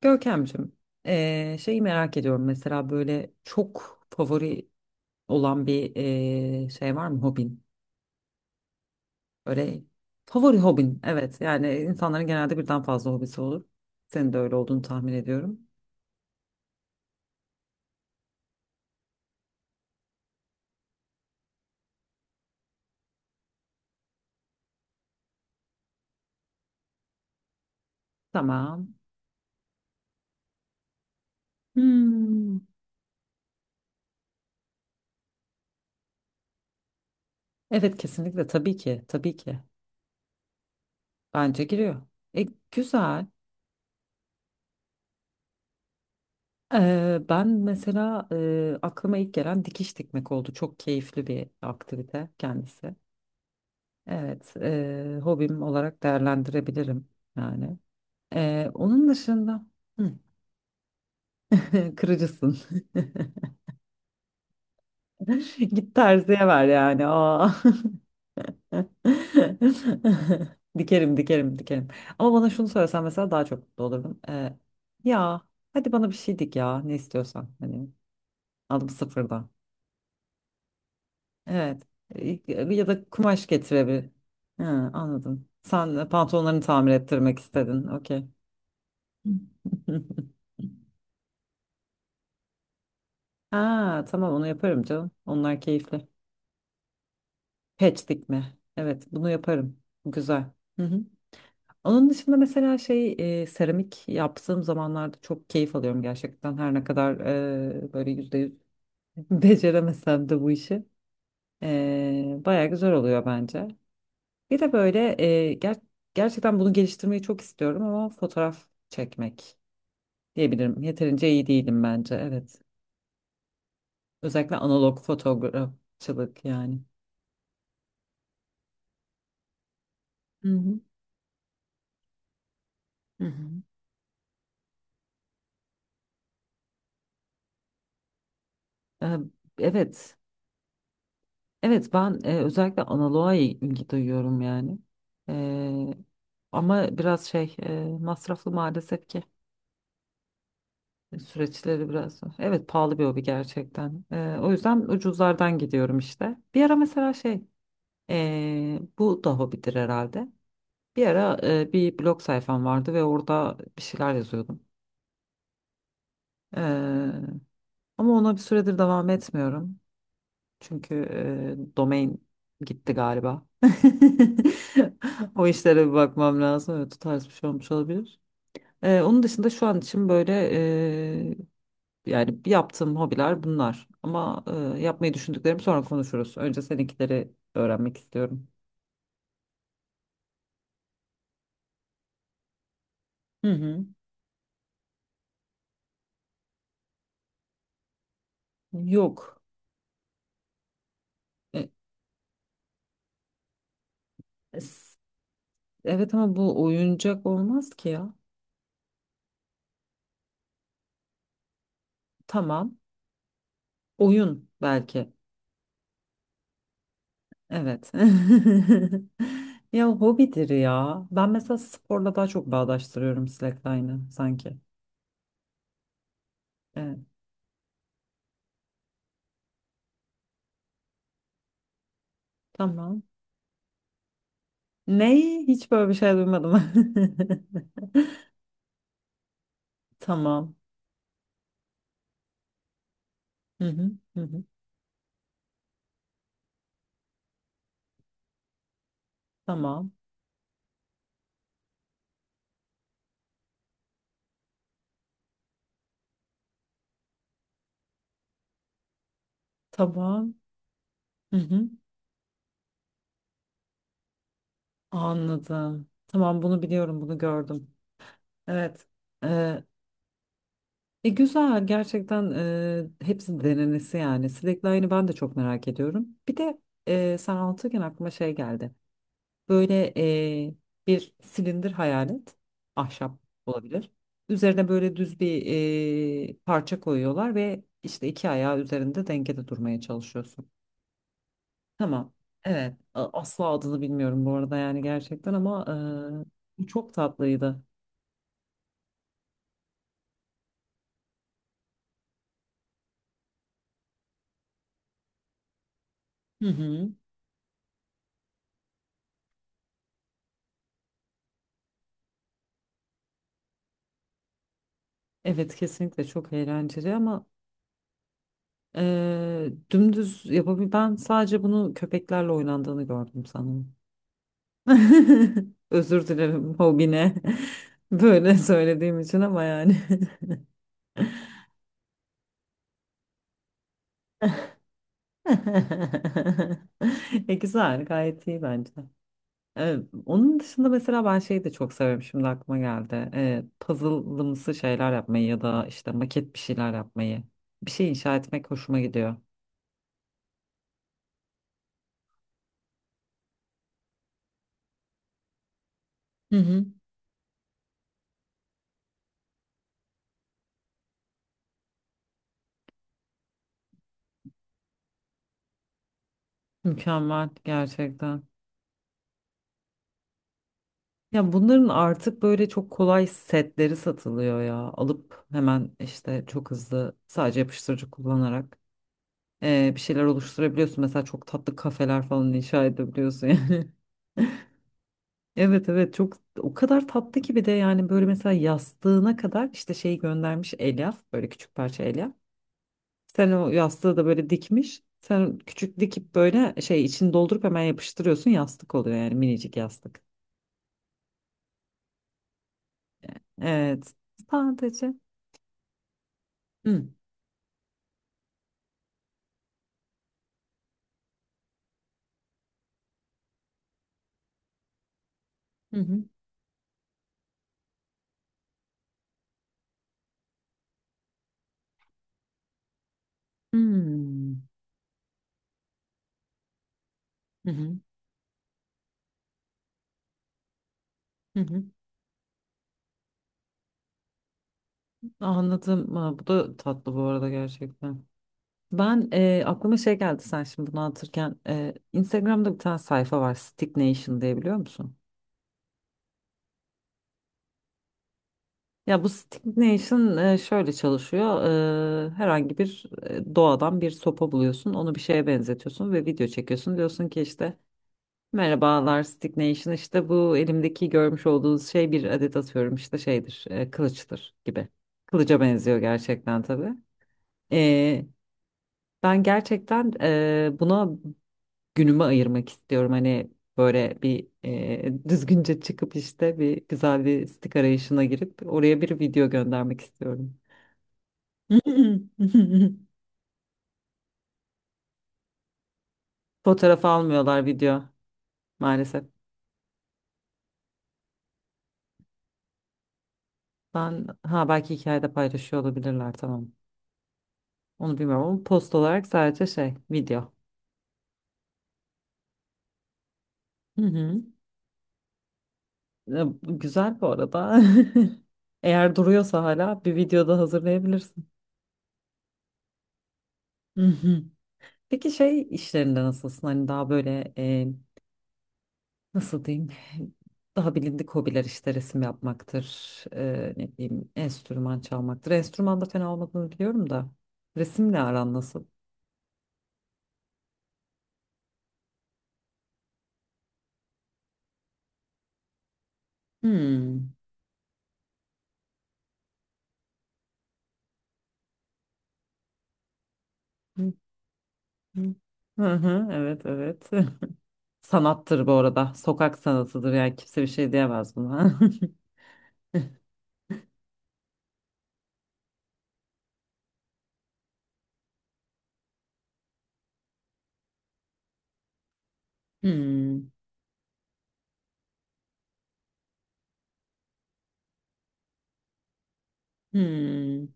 Görkemciğim, şeyi merak ediyorum. Mesela böyle çok favori olan bir şey var mı hobin? Böyle favori hobin, evet. Yani insanların genelde birden fazla hobisi olur. Senin de öyle olduğunu tahmin ediyorum. Tamam. Hmm. Evet, kesinlikle tabii ki, tabii ki. Bence giriyor. E, güzel. Ben mesela aklıma ilk gelen dikiş dikmek oldu. Çok keyifli bir aktivite kendisi. Evet, hobim olarak değerlendirebilirim yani. Onun dışında. Hı, kırıcısın. Git terziye ver yani. Aa. Dikerim, dikerim, dikerim. Ama bana şunu söylesen mesela daha çok mutlu olurdum. Ya hadi bana bir şey dik ya, ne istiyorsan hani, aldım sıfırdan. Evet. E, Ya da kumaş getirebilir. Ha, anladım. Sen pantolonlarını tamir ettirmek istedin. Okey. Ha, tamam, onu yaparım canım. Onlar keyifli. Patch dikme. Evet, bunu yaparım. Güzel. Hı hı. Onun dışında mesela şey seramik yaptığım zamanlarda çok keyif alıyorum gerçekten. Her ne kadar böyle %100 beceremesem de bu işi. Baya güzel oluyor bence. Bir de böyle e, ger- gerçekten bunu geliştirmeyi çok istiyorum ama fotoğraf çekmek diyebilirim. Yeterince iyi değilim bence. Evet. Özellikle analog fotoğrafçılık yani. Hı hı. Hı hı. Ee, Evet, evet ben özellikle analoğa ilgi duyuyorum yani. Ee, ama biraz şey masraflı maalesef ki süreçleri biraz. Evet, pahalı bir hobi gerçekten. O yüzden ucuzlardan gidiyorum işte. Bir ara mesela şey bu da hobidir herhalde. Bir ara bir blog sayfam vardı ve orada bir şeyler yazıyordum. Ee, ama ona bir süredir devam etmiyorum. Çünkü domain gitti galiba. O işlere bir bakmam lazım. Evet, o tarz bir şey olmuş olabilir. Onun dışında şu an için böyle yani yaptığım hobiler bunlar. Ama yapmayı düşündüklerimi sonra konuşuruz. Önce seninkileri öğrenmek istiyorum. Hı hı. Yok. E, s- evet, ama bu oyuncak olmaz ki ya. Tamam. Oyun belki. Evet. Ya hobidir ya. Ben mesela sporla daha çok bağdaştırıyorum slackline'ı sanki. Evet. Tamam. Ney? Hiç böyle bir şey duymadım. Tamam. Hı hı, hı hı. Tamam. Tamam. Hı hı. Anladım, tamam, bunu biliyorum, bunu gördüm. Evet. Ee, Güzel gerçekten, hepsi denenesi yani. Slackline'ı ben de çok merak ediyorum. Bir de sen anlatırken aklıma şey geldi. Böyle bir silindir hayal et. Ahşap olabilir. Üzerine böyle düz bir parça koyuyorlar ve işte iki ayağı üzerinde dengede durmaya çalışıyorsun. Tamam. Evet. Asla adını bilmiyorum bu arada, yani gerçekten, ama bu çok tatlıydı. Hı hı. Evet, kesinlikle çok eğlenceli, ama dümdüz yapabil ben sadece bunu köpeklerle oynandığını gördüm sanırım. Özür dilerim hobine. Böyle söylediğim için, ama yani. Güzel, gayet iyi bence. E, onun dışında mesela ben şeyi de çok severim. Şimdi aklıma geldi. Puzzle'ımsı şeyler yapmayı ya da işte maket bir şeyler yapmayı. Bir şey inşa etmek hoşuma gidiyor. Hı hı. Mükemmel gerçekten. Ya bunların artık böyle çok kolay setleri satılıyor ya. Alıp hemen işte çok hızlı sadece yapıştırıcı kullanarak bir şeyler oluşturabiliyorsun. Mesela çok tatlı kafeler falan inşa edebiliyorsun yani. Evet evet, çok. O kadar tatlı ki, bir de yani böyle mesela yastığına kadar işte şey göndermiş elyaf, böyle küçük parça elyaf. Sen o yastığı da böyle dikmiş. Sen küçük dikip böyle şey içini doldurup hemen yapıştırıyorsun, yastık oluyor yani, minicik yastık. Evet. Sadece. Hı hı hı. Hmm. Hı hı. Hı hı. Anladım. Ha, bu da tatlı bu arada gerçekten. Ben aklıma şey geldi sen şimdi bunu anlatırken, Instagram'da bir tane sayfa var Stick Nation diye, biliyor musun? Ya bu Stick Nation şöyle çalışıyor: herhangi bir doğadan bir sopa buluyorsun, onu bir şeye benzetiyorsun ve video çekiyorsun, diyorsun ki işte merhabalar Stick Nation, işte bu elimdeki görmüş olduğunuz şey bir adet, atıyorum işte şeydir, kılıçtır gibi, kılıca benziyor gerçekten tabii. E, Ben gerçekten buna günümü ayırmak istiyorum. Hani böyle bir düzgünce çıkıp, işte bir güzel bir stik arayışına girip oraya bir video göndermek istiyorum. Fotoğraf almıyorlar, video maalesef. Ben ha belki hikayede paylaşıyor olabilirler, tamam. Onu bilmiyorum, ama post olarak sadece şey, video. Hı hı. E, bu güzel bu arada. Eğer duruyorsa hala, bir videoda hazırlayabilirsin. Hı hı. Peki, şey işlerinde nasılsın? Hani daha böyle, nasıl diyeyim, daha bilindik hobiler, işte resim yapmaktır, ne diyeyim, enstrüman çalmaktır. Enstrüman da fena olmadığını biliyorum da, resimle aran nasıl? Hmm. Hı hı. Hı hı. Evet, evet. Sanattır bu arada, sokak sanatıdır, yani kimse bir şey diyemez buna. Hmm. Hmm.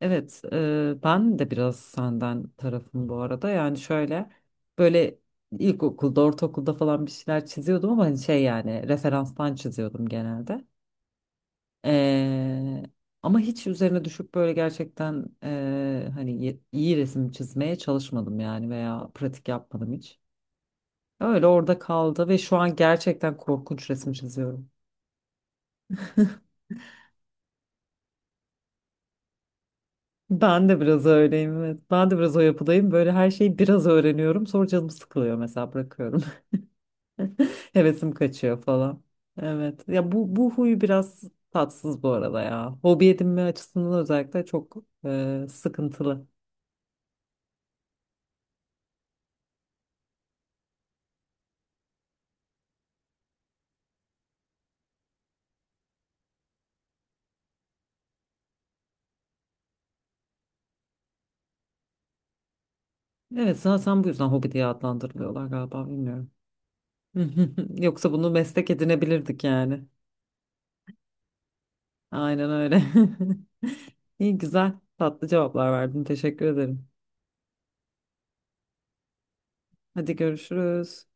Evet, ben de biraz senden tarafım bu arada. Yani şöyle, böyle ilkokulda, ortaokulda falan bir şeyler çiziyordum ama, hani şey yani, referanstan çiziyordum genelde. E, ama hiç üzerine düşüp böyle gerçekten, hani iyi resim çizmeye çalışmadım yani, veya pratik yapmadım hiç. Öyle orada kaldı ve şu an gerçekten korkunç resim çiziyorum. Ben de biraz öyleyim, evet. Ben de biraz o yapıdayım. Böyle her şeyi biraz öğreniyorum. Sonra canım sıkılıyor mesela, bırakıyorum. Hevesim kaçıyor falan. Evet. Ya, bu huyu biraz tatsız bu arada ya. Hobi edinme açısından özellikle çok sıkıntılı. Evet, zaten bu yüzden hobi diye adlandırılıyorlar galiba, bilmiyorum. Yoksa bunu meslek edinebilirdik yani. Aynen öyle. İyi, güzel, tatlı cevaplar verdin. Teşekkür ederim. Hadi, görüşürüz.